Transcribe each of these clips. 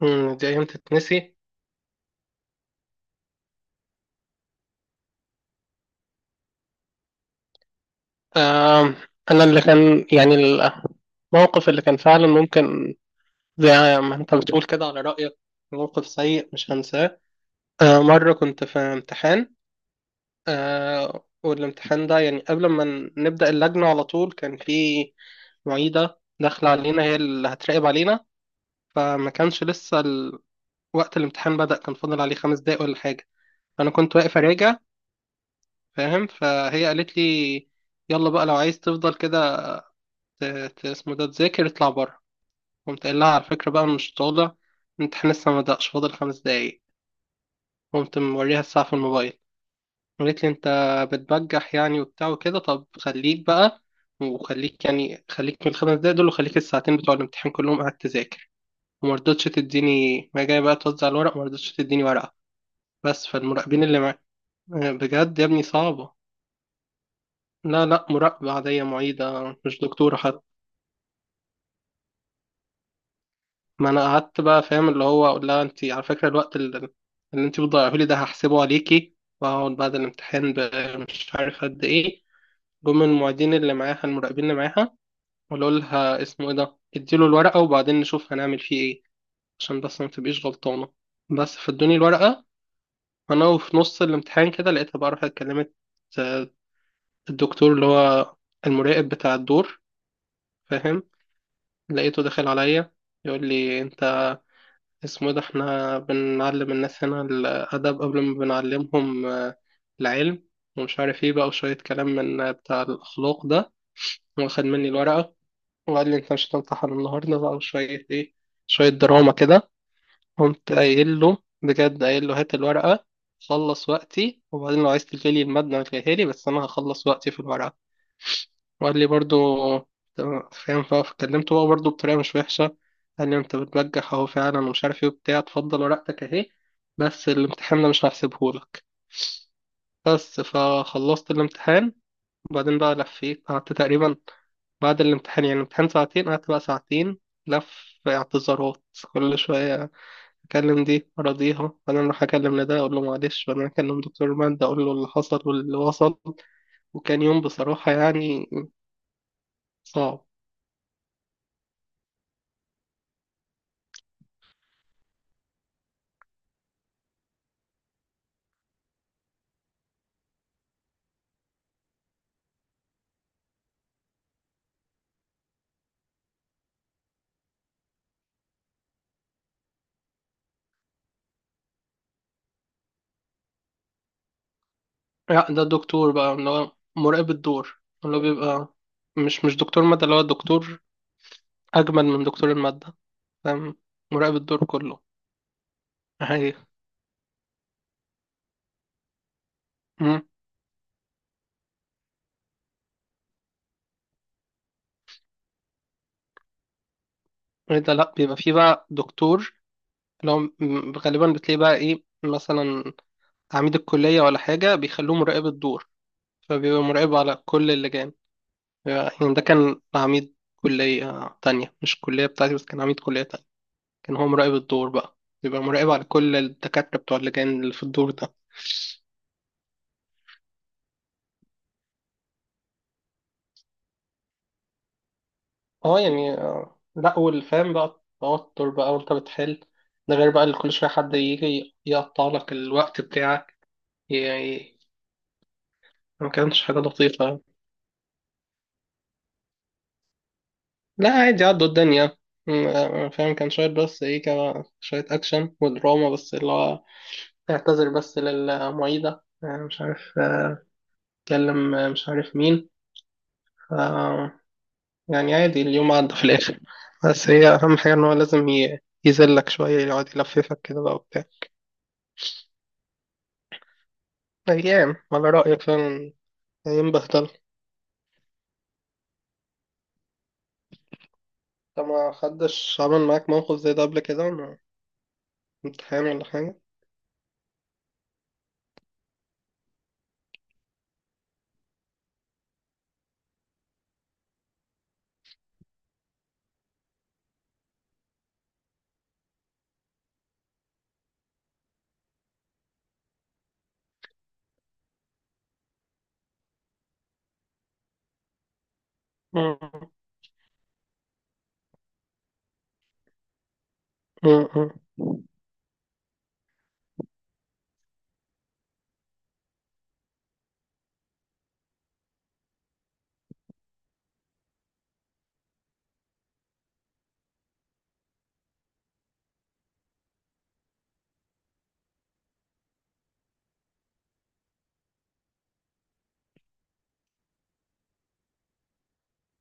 مم، دي أيام تتنسي. آم، أنا اللي كان يعني، الموقف اللي كان فعلا ممكن، زي ما أنت بتقول كده، على رأيك موقف سيء مش هنساه. مرة كنت في امتحان. والامتحان ده يعني قبل ما نبدأ اللجنة، على طول كان في معيدة داخلة علينا هي اللي هتراقب علينا. فما كانش لسه وقت الامتحان بدأ، كان فاضل عليه 5 دقايق ولا حاجة. أنا كنت واقف أراجع، فاهم، فهي قالت لي يلا بقى، لو عايز تفضل كده ت- اسمه ده، تذاكر اطلع بره. قمت قايل لها على فكرة بقى، أنا مش طالع، الامتحان لسه ما بدأش، فاضل 5 دقايق. قمت موريها الساعة في الموبايل، قالت لي أنت بتبجح يعني وبتاع وكده، طب خليك بقى وخليك، يعني خليك من ال 5 دقايق دول وخليك الساعتين بتوع الامتحان كلهم قاعد تذاكر. وما رضتش تديني، ما جاي بقى توزع الورق ما رضتش تديني ورقة، بس فالمراقبين اللي معايا بجد يا ابني صعبة". لا لا، مراقبة عادية، معيدة مش دكتورة. ما انا قعدت بقى فاهم، اللي هو اقول لها انت على فكره اللي انت بتضيعه لي ده هحسبه عليكي. واقعد بعد الامتحان مش عارف قد ايه، جم من المعيدين اللي معاها، المراقبين اللي معاها، وقالوا لها اسمه ايه ده، اديله الورقه وبعدين نشوف هنعمل فيه ايه، عشان بس ما تبقيش غلطانه. بس فادوني الورقه. انا وفي نص الامتحان كده لقيتها بقى راحت كلمت آه، الدكتور اللي هو المراقب بتاع الدور، فاهم؟ لقيته داخل عليا يقول لي انت اسمه إيه ده، احنا بنعلم الناس هنا الأدب قبل ما بنعلمهم العلم، ومش عارف ايه بقى، وشوية كلام من بتاع الأخلاق ده. واخد مني الورقة وقال لي انت مش هتمتحن النهاردة بقى، وشوية ايه، شوية دراما كده. قمت قايل له بجد، قايل له هات الورقة، خلص وقتي، وبعدين لو عايز تلغي لي المادة ما تلغيها لي، بس أنا هخلص وقتي في الورقة. وقال لي برضو تمام، فاهم، فكلمته هو برضو بطريقة مش وحشة، قال لي انت بتبجح اهو فعلا، ومش عارف ايه وبتاع، تفضل ورقتك اهي بس الامتحان ده مش هحسبهولك. بس فخلصت الامتحان، وبعدين بقى لفيت، قعدت تقريبا بعد الامتحان، يعني الامتحان ساعتين قعدت بقى ساعتين لف اعتذارات، كل شوية أكلم دي أراضيها، وبعدين أروح أكلم لده أقول له معلش، وبعدين أكلم دكتور مادة أقول له اللي حصل واللي وصل. وكان يوم بصراحة يعني صعب. لا، ده الدكتور بقى اللي هو مراقب الدور، اللي هو بيبقى، مش دكتور مادة، اللي هو دكتور أجمل من دكتور المادة، فاهم، مراقب الدور كله. عادي. مم. إيه ده، لأ بيبقى فيه بقى دكتور اللي هو غالبا بتلاقيه بقى إيه، مثلا عميد الكلية ولا حاجة بيخلوه مراقب الدور، فبيبقى مراقب على كل اللجان. يعني ده كان عميد كلية تانية، مش الكلية بتاعتي، بس كان عميد كلية تانية، كان هو مراقب الدور بقى، بيبقى مراقب على كل الدكاترة بتوع اللجان اللي في الدور ده. اه يعني لا، والفهم بقى، التوتر بقى وانت بتحل، ده غير بقى اللي كل شوية حد يجي يقطع لك الوقت بتاعك، يعني ما كانتش حاجة لطيفة. لا عادي، عدوا الدنيا. فاهم، كان شوية بس ايه، كان شوية أكشن ودراما، بس اللي هو اعتذر بس للمعيدة، مش عارف، اتكلم، مش عارف مين، ف يعني عادي، اليوم عدى في الآخر. بس هي أهم حاجة إن هو لازم يذلك شوية، يقعد يلففك كده بقى وبتاع. أيام على رأيك فعلا، أيام بهدلة. أنت ما حدش عمل معاك موقف زي ده قبل كده، مع امتحان ولا حاجة؟ مم. مم. مم.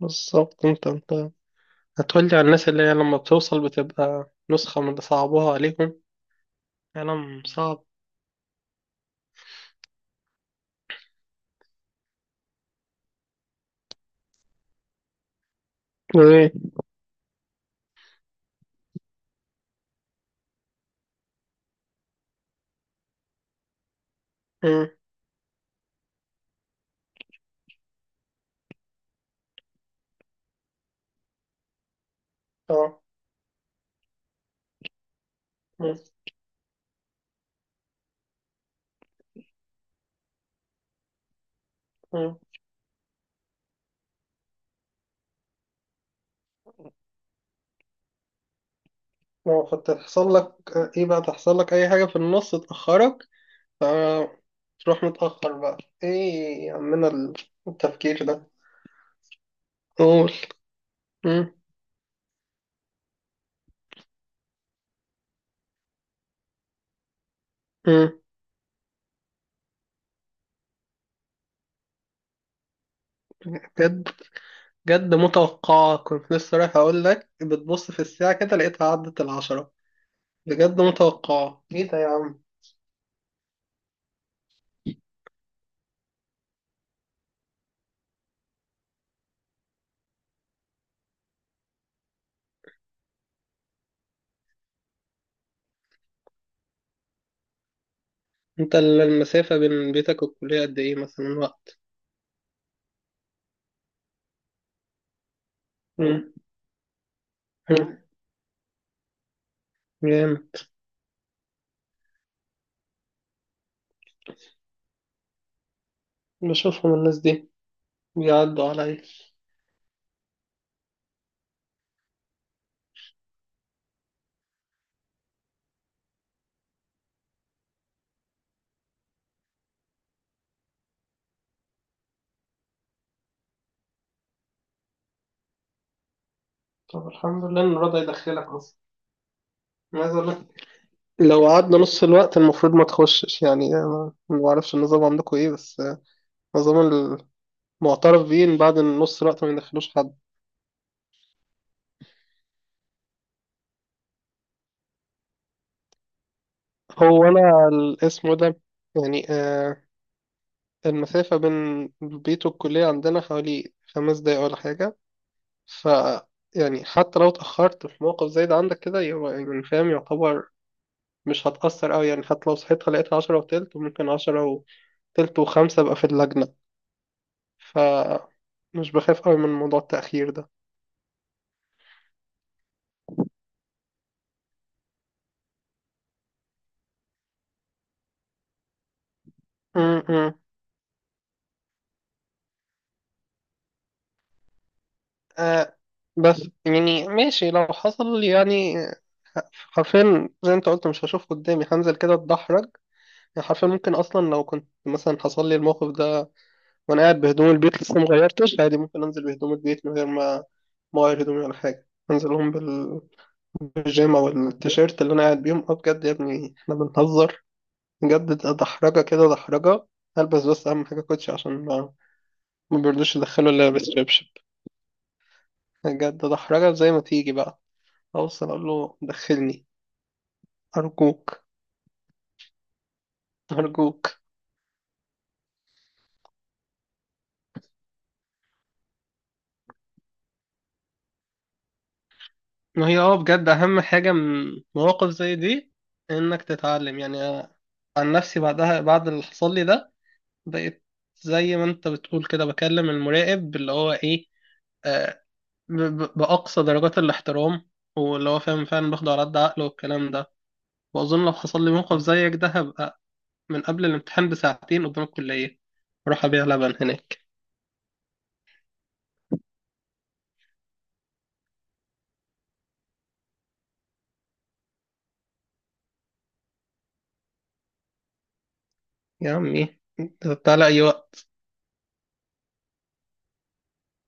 بالظبط، أنت هتقولي على الناس اللي هي لما بتوصل بتبقى نسخة من اللي صعبوها عليهم. كلام صعب. إيه. مم. أه. مم. مم. لو هتحصل لك إيه بقى، تحصل لك أي حاجة في النص تأخرك فتروح متأخر بقى، إيه يا عمنا التفكير ده. قول. مم. مم. بجد؟ جد متوقعة، كنت لسه رايح أقول لك بتبص في الساعة كده لقيتها عدت العشرة. بجد؟ متوقعة. إيه ده يا عم. أنت المسافة بين بيتك والكلية قد إيه مثلا وقت؟ مم. مم. جامد. بشوفهم الناس دي بيعدوا عليا. طب الحمد لله إن رضا يدخلك أصلا. أنا عايز أقول لك، لو قعدنا نص الوقت المفروض ما تخشش، يعني أنا ما بعرفش النظام عندكم إيه بس النظام المعترف بيه إن بعد نص الوقت ما يدخلوش حد. هو أنا اسمه ده يعني، المسافة بين البيت والكلية عندنا حوالي 5 دقايق ولا حاجة، ف يعني حتى لو اتأخرت في موقف زي ده عندك كده يبقى، يعني فاهم يعتبر مش هتأثر أوي، يعني حتى لو صحيت لقيت عشرة وتلت، ممكن عشرة وتلت وخمسة أبقى في اللجنة، ف مش بخاف أوي من موضوع التأخير ده. م -م. آه، بس يعني ماشي، لو حصل يعني حرفيا زي ما انت قلت مش هشوف قدامي، هنزل كده اتدحرج، يعني حرفيا ممكن اصلا لو كنت مثلا حصل لي الموقف ده وانا قاعد بهدوم البيت لسه ما غيرتش، عادي ممكن انزل بهدوم البيت من غير ما اغير هدومي ولا حاجه، انزلهم بالبيجامه والتيشيرت اللي انا قاعد بيهم. اه بجد يا ابني، احنا بنهزر؟ بجد، ده دحرجه كده، دحرجه. البس بس اهم حاجه كوتشي، عشان ما بيرضوش يدخلوا الا لابس شبشب. بجد، ده دحرجه زي ما تيجي بقى، اوصل اقول له دخلني ارجوك. ارجوك. ما هي اه بجد، اهم حاجه من مواقف زي دي انك تتعلم. يعني أنا عن نفسي بعدها، بعد اللي حصل لي ده، بقيت زي ما انت بتقول كده، بكلم المراقب اللي هو ايه، آه بأقصى درجات الاحترام، واللي هو فاهم فعلا باخده على قد عقله والكلام ده. وأظن لو حصل لي موقف زيك ده هبقى من قبل الامتحان بساعتين قدام الكلية، أروح أبيع لبن هناك. يا عمي تعالى أي وقت.